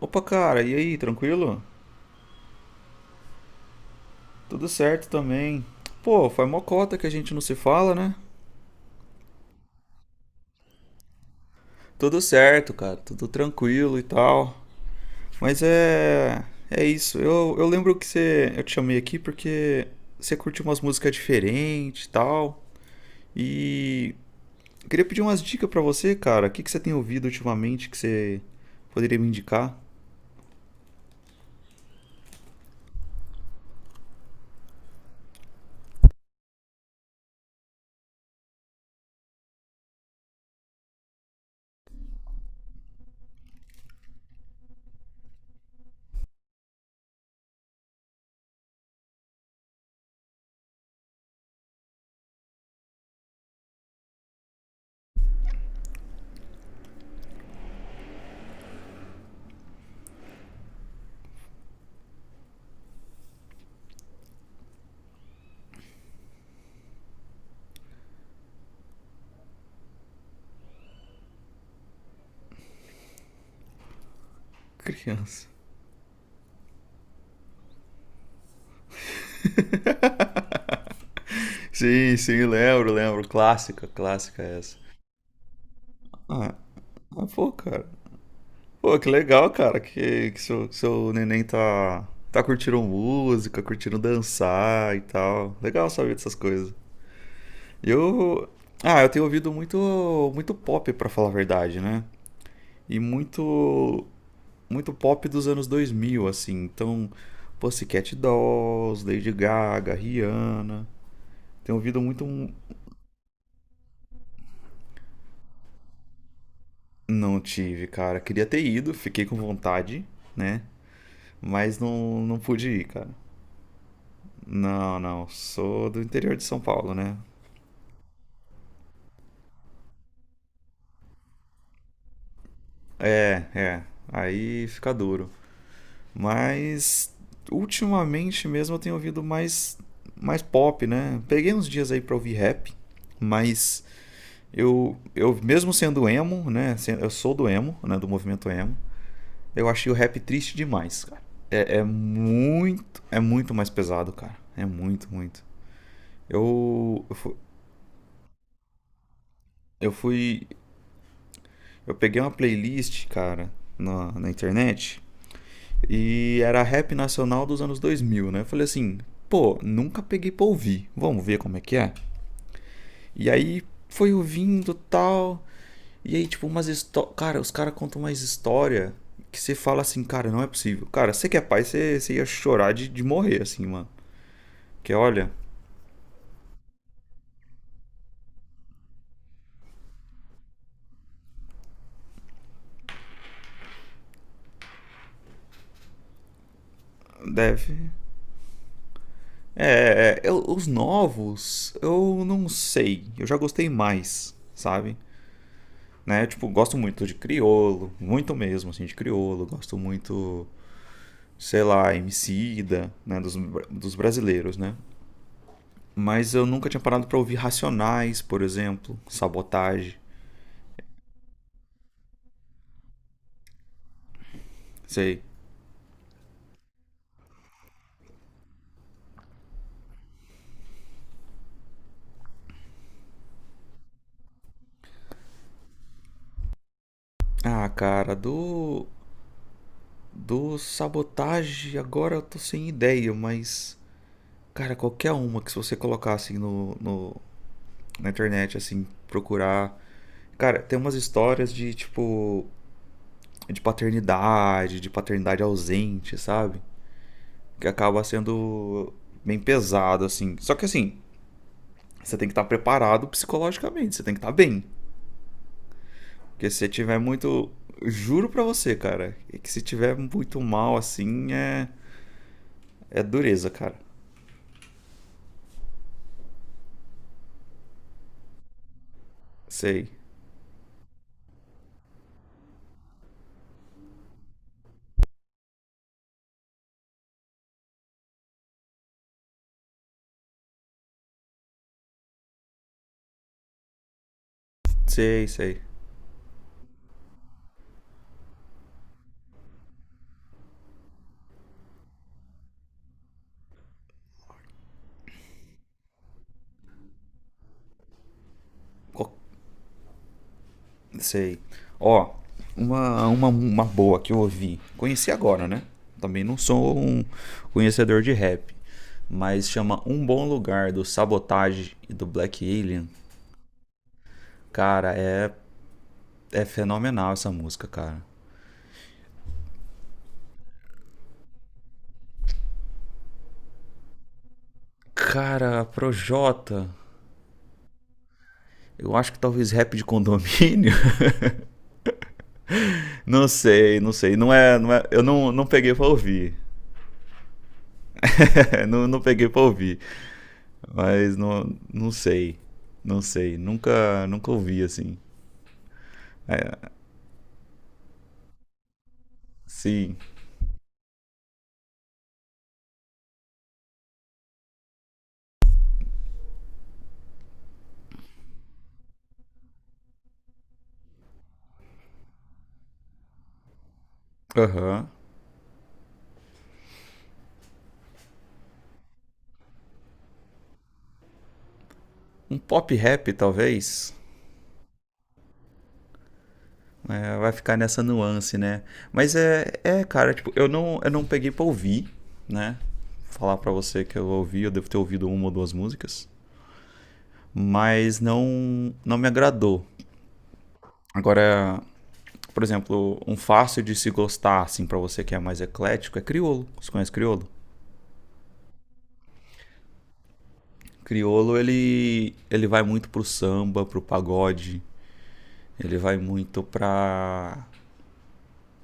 Opa, cara, e aí, tranquilo? Tudo certo também. Pô, faz mó cota que a gente não se fala, né? Tudo certo, cara, tudo tranquilo e tal. Mas é. É isso. Eu lembro que você. Eu te chamei aqui porque você curte umas músicas diferentes e tal. E. eu queria pedir umas dicas pra você, cara. O que que você tem ouvido ultimamente que você poderia me indicar? Criança. Sim, sim, lembro, lembro. Clássica, clássica essa. Ah, ah, pô, cara. Pô, que legal, cara, que seu neném tá curtindo música, curtindo dançar e tal. Legal saber dessas coisas. Eu, eu tenho ouvido muito, muito pop, pra falar a verdade, né? E muito, muito pop dos anos 2000, assim. Então, Pussycat Dolls, Lady Gaga, Rihanna. Tenho ouvido muito. Não tive, cara. Queria ter ido, fiquei com vontade, né? Mas não, não pude ir, cara. Não, não. Sou do interior de São Paulo, né? É, é. Aí fica duro. Mas ultimamente mesmo eu tenho ouvido mais pop, né? Peguei uns dias aí pra ouvir rap, mas eu mesmo sendo emo, né? Eu sou do emo, né? Do movimento emo. Eu achei o rap triste demais, cara. É, é muito mais pesado, cara. É muito, muito. Eu fu- eu fui eu peguei uma playlist, cara, na internet E era rap nacional dos anos 2000, né? Eu falei assim, pô, nunca peguei pra ouvir. Vamos ver como é que é. E aí foi ouvindo tal. E aí, tipo, umas histórias. Cara, os caras contam umas história que você fala assim, cara, não é possível. Cara, você que é pai, você ia chorar de morrer, assim, mano. Porque olha, deve. É, é, é, os novos, eu não sei. Eu já gostei mais, sabe? Né? Tipo, gosto muito de criolo, muito mesmo, assim, de criolo. Gosto muito sei lá, Emicida, né, dos brasileiros, né? Mas eu nunca tinha parado pra ouvir Racionais, por exemplo, Sabotagem, sei. Ah, cara, do Sabotagem agora eu tô sem ideia, mas cara, qualquer uma que se você colocar assim no, no na internet assim, procurar, cara, tem umas histórias de tipo de paternidade ausente, sabe? Que acaba sendo bem pesado assim. Só que assim, Você tem que estar preparado psicologicamente, você tem que estar bem. Porque se você tiver muito. Juro pra você, cara, é que se tiver muito mal assim, é. É dureza, cara. Sei. Sei, sei. Sei. Ó, uma boa que eu ouvi. Conheci agora, né? Também não sou um conhecedor de rap. Mas chama Um Bom Lugar do Sabotage e do Black Alien. Cara, é fenomenal essa música, cara. Cara, Projota, eu acho que talvez rap de condomínio. Não sei, não sei. Não é, não é, eu não, não peguei pra ouvir. Não, não peguei pra ouvir. Mas não, não sei. Não sei. Nunca ouvi assim. Sim. Aham. Uhum. Um pop rap, talvez. É, vai ficar nessa nuance, né? Mas é, é, cara, tipo, eu não peguei pra ouvir, né? Falar pra você que eu ouvi, eu devo ter ouvido uma ou duas músicas. Mas não, não me agradou. Agora, por exemplo, um fácil de se gostar, assim, para você que é mais eclético, é criolo. Você conhece criolo? Criolo, ele vai muito pro samba, pro pagode. Ele vai muito pra,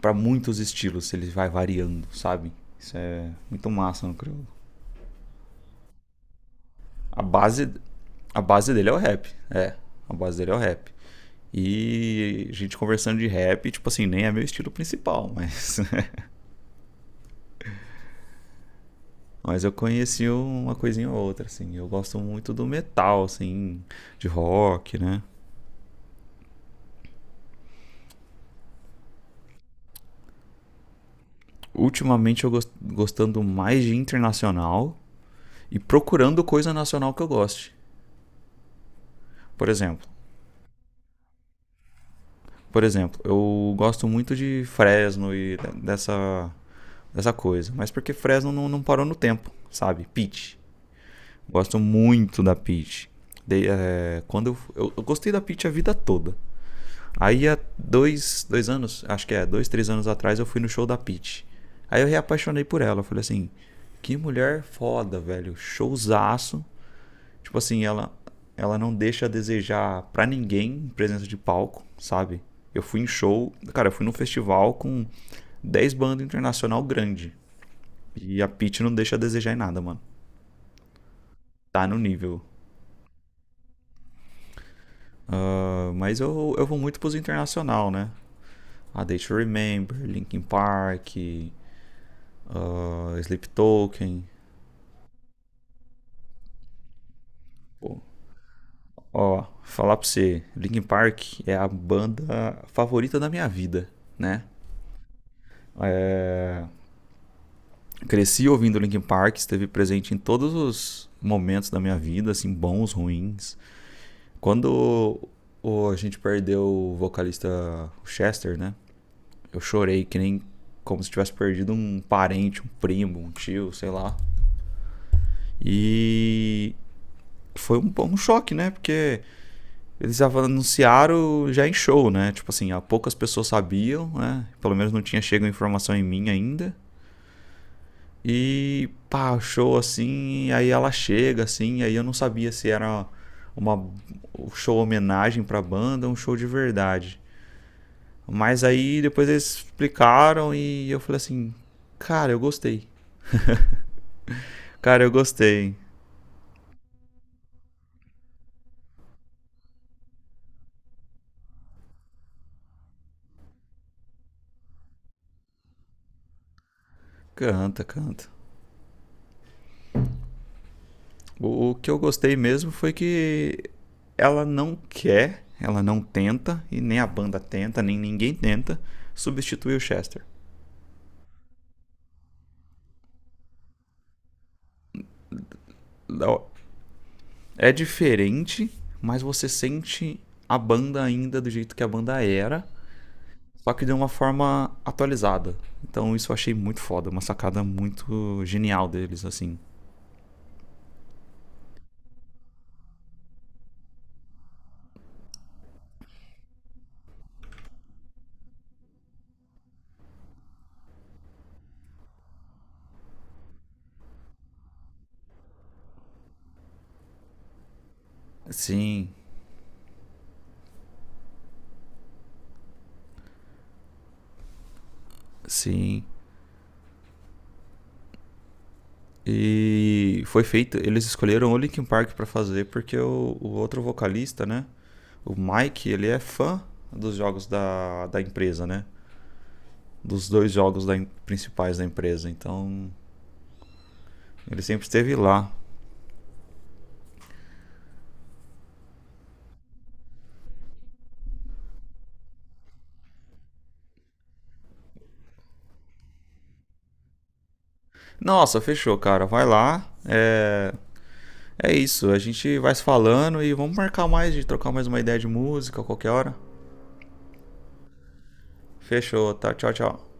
pra muitos estilos. Ele vai variando, sabe? Isso é muito massa no criolo. A base, a base dele é o rap. É, a base dele é o rap. E a gente conversando de rap, tipo assim, nem é meu estilo principal, mas eu conheci uma coisinha ou outra, assim. Eu gosto muito do metal, assim, de rock, né? Ultimamente eu gostando mais de internacional e procurando coisa nacional que eu goste. Por exemplo, por exemplo, eu gosto muito de Fresno e dessa coisa. Mas porque Fresno não parou no tempo, sabe? Peach. Gosto muito da Peach. Quando eu gostei da Peach a vida toda. Aí há dois anos, acho que é, dois, três anos atrás, eu fui no show da Pete. Aí eu reapaixonei por ela. Eu falei assim, que mulher foda, velho. Showzaço. Tipo assim, ela não deixa a desejar pra ninguém em presença de palco, sabe? Eu fui em show, cara, eu fui num festival com 10 bandas internacional grande. E a Pete não deixa a desejar em nada, mano. Tá no nível. Ah, mas eu vou muito pros internacional, né? A Day to Remember, Linkin Park, Sleep Token. Pô, ó, falar pra você, Linkin Park é a banda favorita da minha vida, né? É, cresci ouvindo Linkin Park, esteve presente em todos os momentos da minha vida, assim, bons, ruins. Quando a gente perdeu o vocalista Chester, né? Eu chorei que nem como se tivesse perdido um parente, um primo, um tio, sei lá. E foi um choque, né? Porque eles já anunciaram já em show, né? Tipo assim, há poucas pessoas sabiam, né? Pelo menos não tinha chegado informação em mim ainda. E pá, show assim, aí ela chega assim, aí eu não sabia se era uma um show homenagem pra banda, ou um show de verdade. Mas aí depois eles explicaram e eu falei assim, cara, eu gostei. Cara, eu gostei. Canta, canta. O que eu gostei mesmo foi que ela não quer, ela não tenta, e nem a banda tenta, nem ninguém tenta, substituir o Chester. É diferente, mas você sente a banda ainda do jeito que a banda era, só que de uma forma atualizada. Então isso eu achei muito foda, uma sacada muito genial deles, assim. Sim, sim. E foi feito, eles escolheram o Linkin Park para fazer porque o outro vocalista, né, o Mike, ele é fã dos jogos da empresa, né? Dos dois jogos da principais da empresa, então ele sempre esteve lá. Nossa, fechou, cara. Vai lá. é, isso. A gente vai se falando e vamos marcar mais de trocar mais uma ideia de música a qualquer hora. Fechou, tá? Tchau, tchau.